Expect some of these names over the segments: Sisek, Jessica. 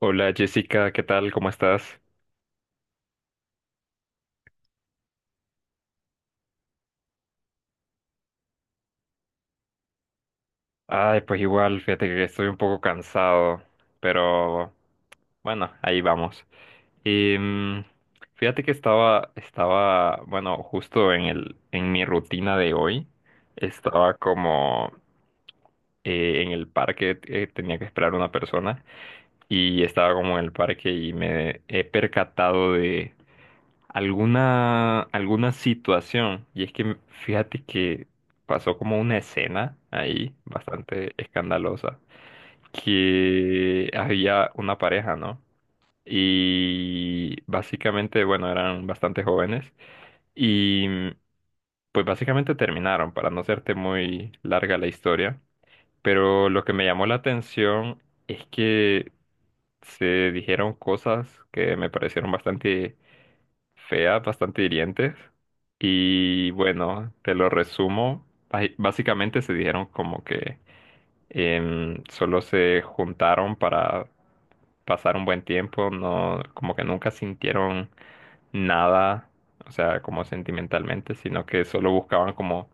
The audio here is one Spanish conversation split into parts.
Hola Jessica, ¿qué tal? ¿Cómo estás? Ay, pues igual, fíjate que estoy un poco cansado, pero bueno, ahí vamos. Y fíjate que estaba, bueno, justo en en mi rutina de hoy, estaba como en el parque, tenía que esperar a una persona y estaba como en el parque y me he percatado alguna situación. Y es que fíjate que pasó como una escena ahí bastante escandalosa, que había una pareja, ¿no? Y básicamente, bueno, eran bastante jóvenes y pues básicamente terminaron, para no hacerte muy larga la historia. Pero lo que me llamó la atención es que se dijeron cosas que me parecieron bastante feas, bastante hirientes. Y bueno, te lo resumo. Básicamente se dijeron como que solo se juntaron para pasar un buen tiempo, no, como que nunca sintieron nada, o sea, como sentimentalmente, sino que solo buscaban como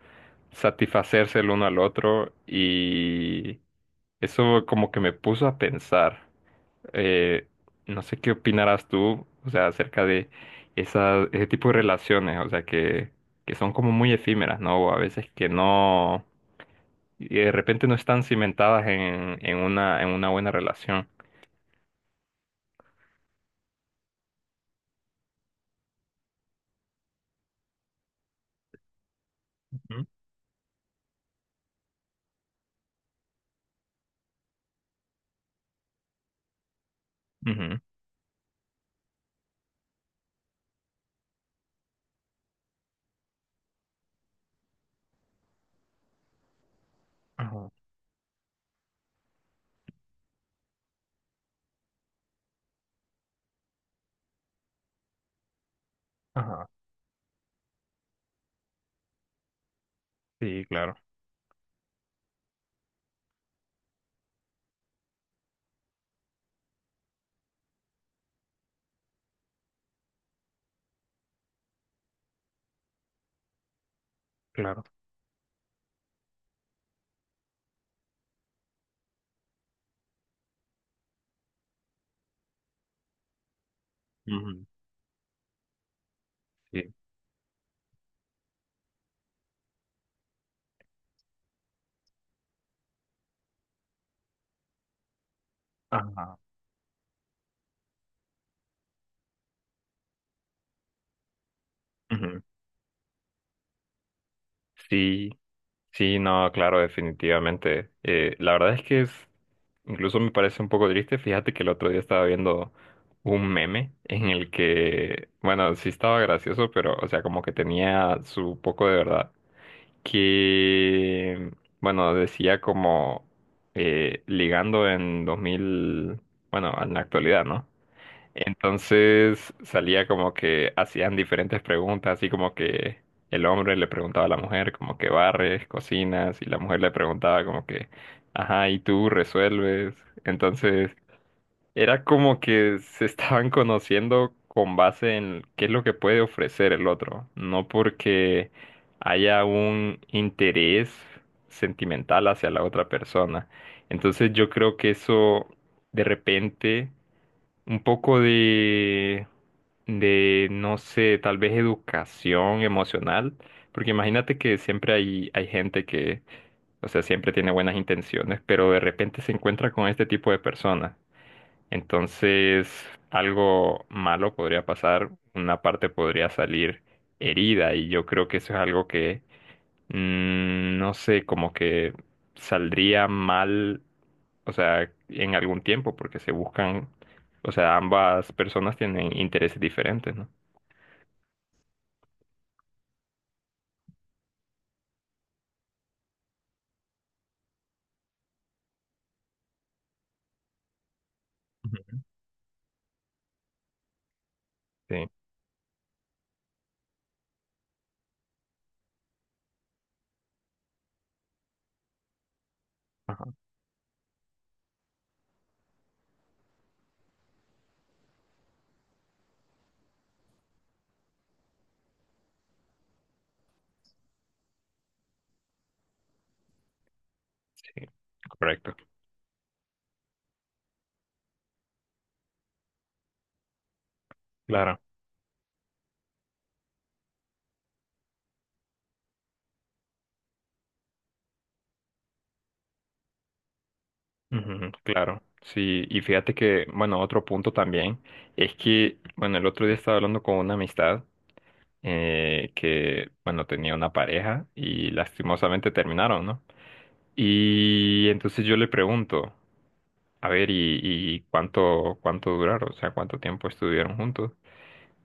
satisfacerse el uno al otro y eso como que me puso a pensar. Eh, no sé qué opinarás tú, o sea, acerca de ese tipo de relaciones, o sea, que son como muy efímeras, ¿no? O a veces que no, y de repente no están cimentadas en una buena relación. Ujú, ujú. Ajá, ajá, sí, claro, claro. Ujú, sí. Ajá. Ujú. Sí. Sí, no, claro, definitivamente. La verdad es que es, incluso me parece un poco triste. Fíjate que el otro día estaba viendo un meme en el que, bueno, sí estaba gracioso, pero, o sea, como que tenía su poco de verdad. Que, bueno, decía como ligando en 2000, bueno, en la actualidad, ¿no? Entonces salía como que hacían diferentes preguntas, así como que el hombre le preguntaba a la mujer como que barres, cocinas, y la mujer le preguntaba como que, ajá, ¿y tú resuelves? Entonces era como que se estaban conociendo con base en qué es lo que puede ofrecer el otro, no porque haya un interés sentimental hacia la otra persona. Entonces yo creo que eso de repente un poco de, no sé, tal vez educación emocional, porque imagínate que siempre hay gente que, o sea, siempre tiene buenas intenciones, pero de repente se encuentra con este tipo de personas. Entonces, algo malo podría pasar, una parte podría salir herida, y yo creo que eso es algo que no sé, como que saldría mal, o sea, en algún tiempo, porque se buscan, o sea, ambas personas tienen intereses diferentes, ¿no? Ujú. Sí, ajá, sí, correcto, claro, ujú, claro, sí, y fíjate que, bueno, otro punto también es que, bueno, el otro día estaba hablando con una amistad, que, bueno, tenía una pareja y lastimosamente terminaron, ¿no? Y entonces yo le pregunto, a ver, ¿y cuánto duraron? O sea, ¿cuánto tiempo estuvieron juntos?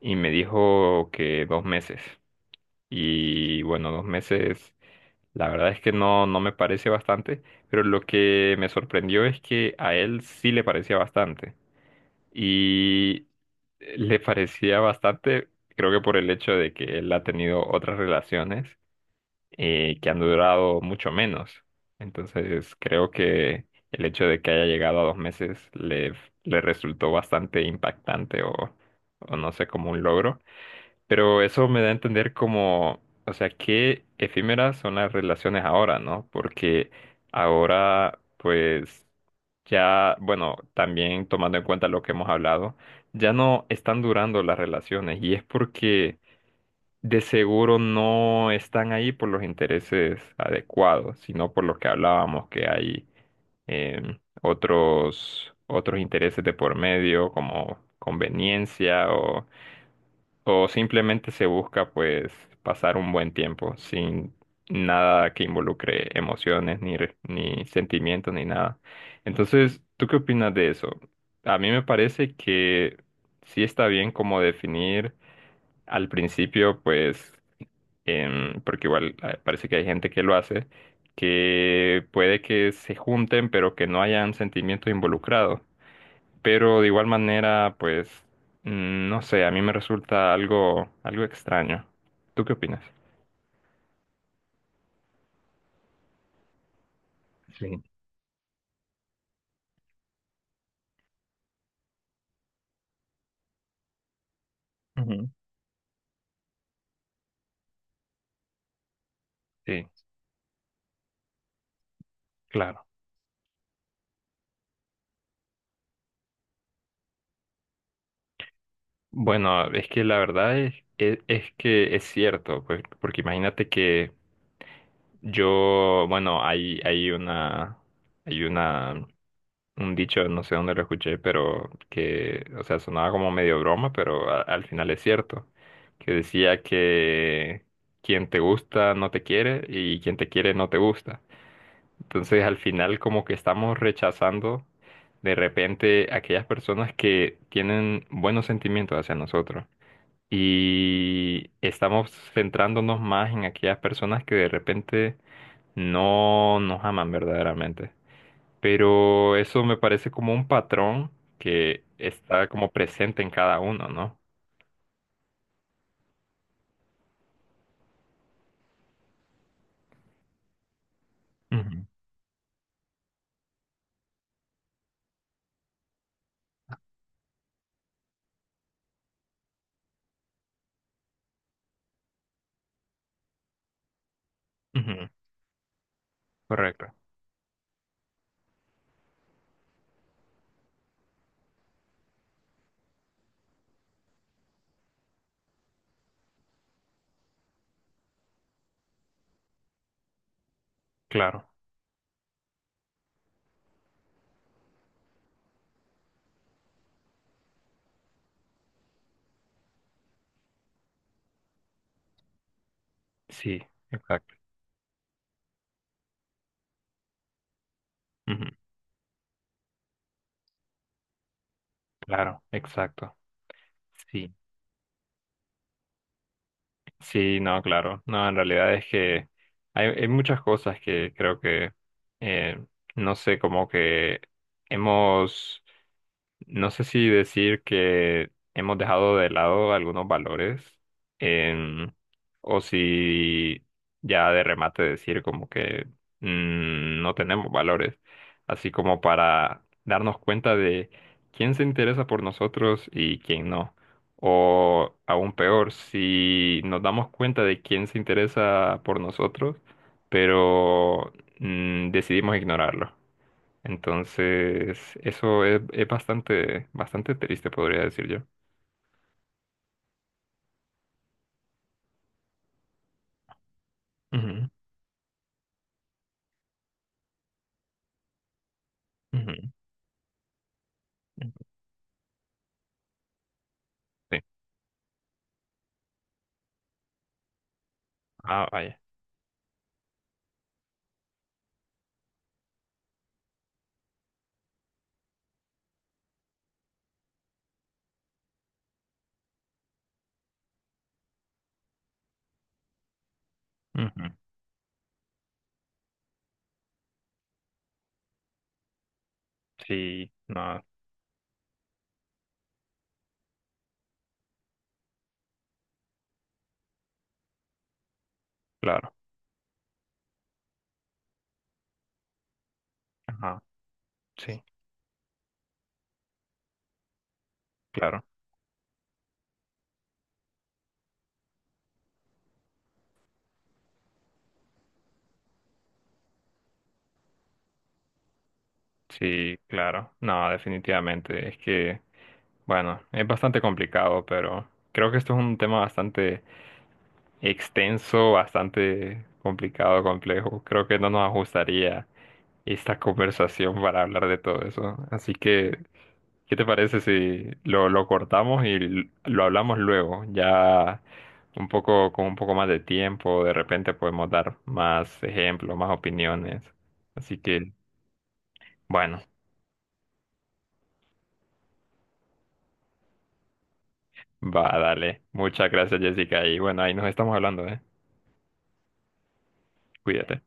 Y me dijo que 2 meses. Y bueno, 2 meses, la verdad es que no, no me parece bastante, pero lo que me sorprendió es que a él sí le parecía bastante. Y le parecía bastante, creo que por el hecho de que él ha tenido otras relaciones y que han durado mucho menos. Entonces, creo que el hecho de que haya llegado a 2 meses le resultó bastante impactante o no sé, como un logro. Pero eso me da a entender como, o sea, qué efímeras son las relaciones ahora, ¿no? Porque ahora, pues, ya, bueno, también tomando en cuenta lo que hemos hablado, ya no están durando las relaciones y es porque de seguro no están ahí por los intereses adecuados, sino por lo que hablábamos, que hay otros intereses de por medio, como conveniencia o simplemente se busca pues pasar un buen tiempo sin nada que involucre emociones, ni sentimientos, ni nada. Entonces, ¿tú qué opinas de eso? A mí me parece que sí está bien como definir al principio, pues porque igual parece que hay gente que lo hace, que puede que se junten, pero que no hayan sentimientos involucrados. Pero de igual manera, pues, no sé, a mí me resulta algo, algo extraño. ¿Tú qué opinas? Sí. Ujú. Sí. Bueno, es que la verdad es que es cierto, pues, porque imagínate que yo, bueno, hay una, un dicho, no sé dónde lo escuché, pero que, o sea, sonaba como medio broma, pero al final es cierto, que decía que quien te gusta no te quiere y quien te quiere no te gusta. Entonces al final como que estamos rechazando de repente aquellas personas que tienen buenos sentimientos hacia nosotros y estamos centrándonos más en aquellas personas que de repente no nos aman verdaderamente. Pero eso me parece como un patrón que está como presente en cada uno, ¿no? Ujú, ujú, correcto, claro, sí, exacto, ujú, claro, exacto, sí. Sí, no, claro. No, en realidad es que hay muchas cosas que creo que, eh, no sé, como que hemos, no sé si decir que hemos dejado de lado algunos valores, em, o si ya de remate decir como que no tenemos valores, así como para darnos cuenta de quién se interesa por nosotros y quién no. O aún peor, si nos damos cuenta de quién se interesa por nosotros, pero decidimos ignorarlo. Entonces, eso es bastante, bastante triste, podría decir yo. Ujú, ujú, ujú. Sí. Ah, vaya. Ujú. Sí, no, claro. Ajá, sí, claro, sí, claro. No, definitivamente. Es que, bueno, es bastante complicado, pero creo que esto es un tema bastante extenso, bastante complicado, complejo. Creo que no nos ajustaría esta conversación para hablar de todo eso. Así que ¿qué te parece si lo cortamos y lo hablamos luego? Ya un poco, con un poco más de tiempo, de repente podemos dar más ejemplos, más opiniones. Así que, bueno, va, dale. Muchas gracias, Jessica. Y bueno, ahí nos estamos hablando, ¿eh? Cuídate.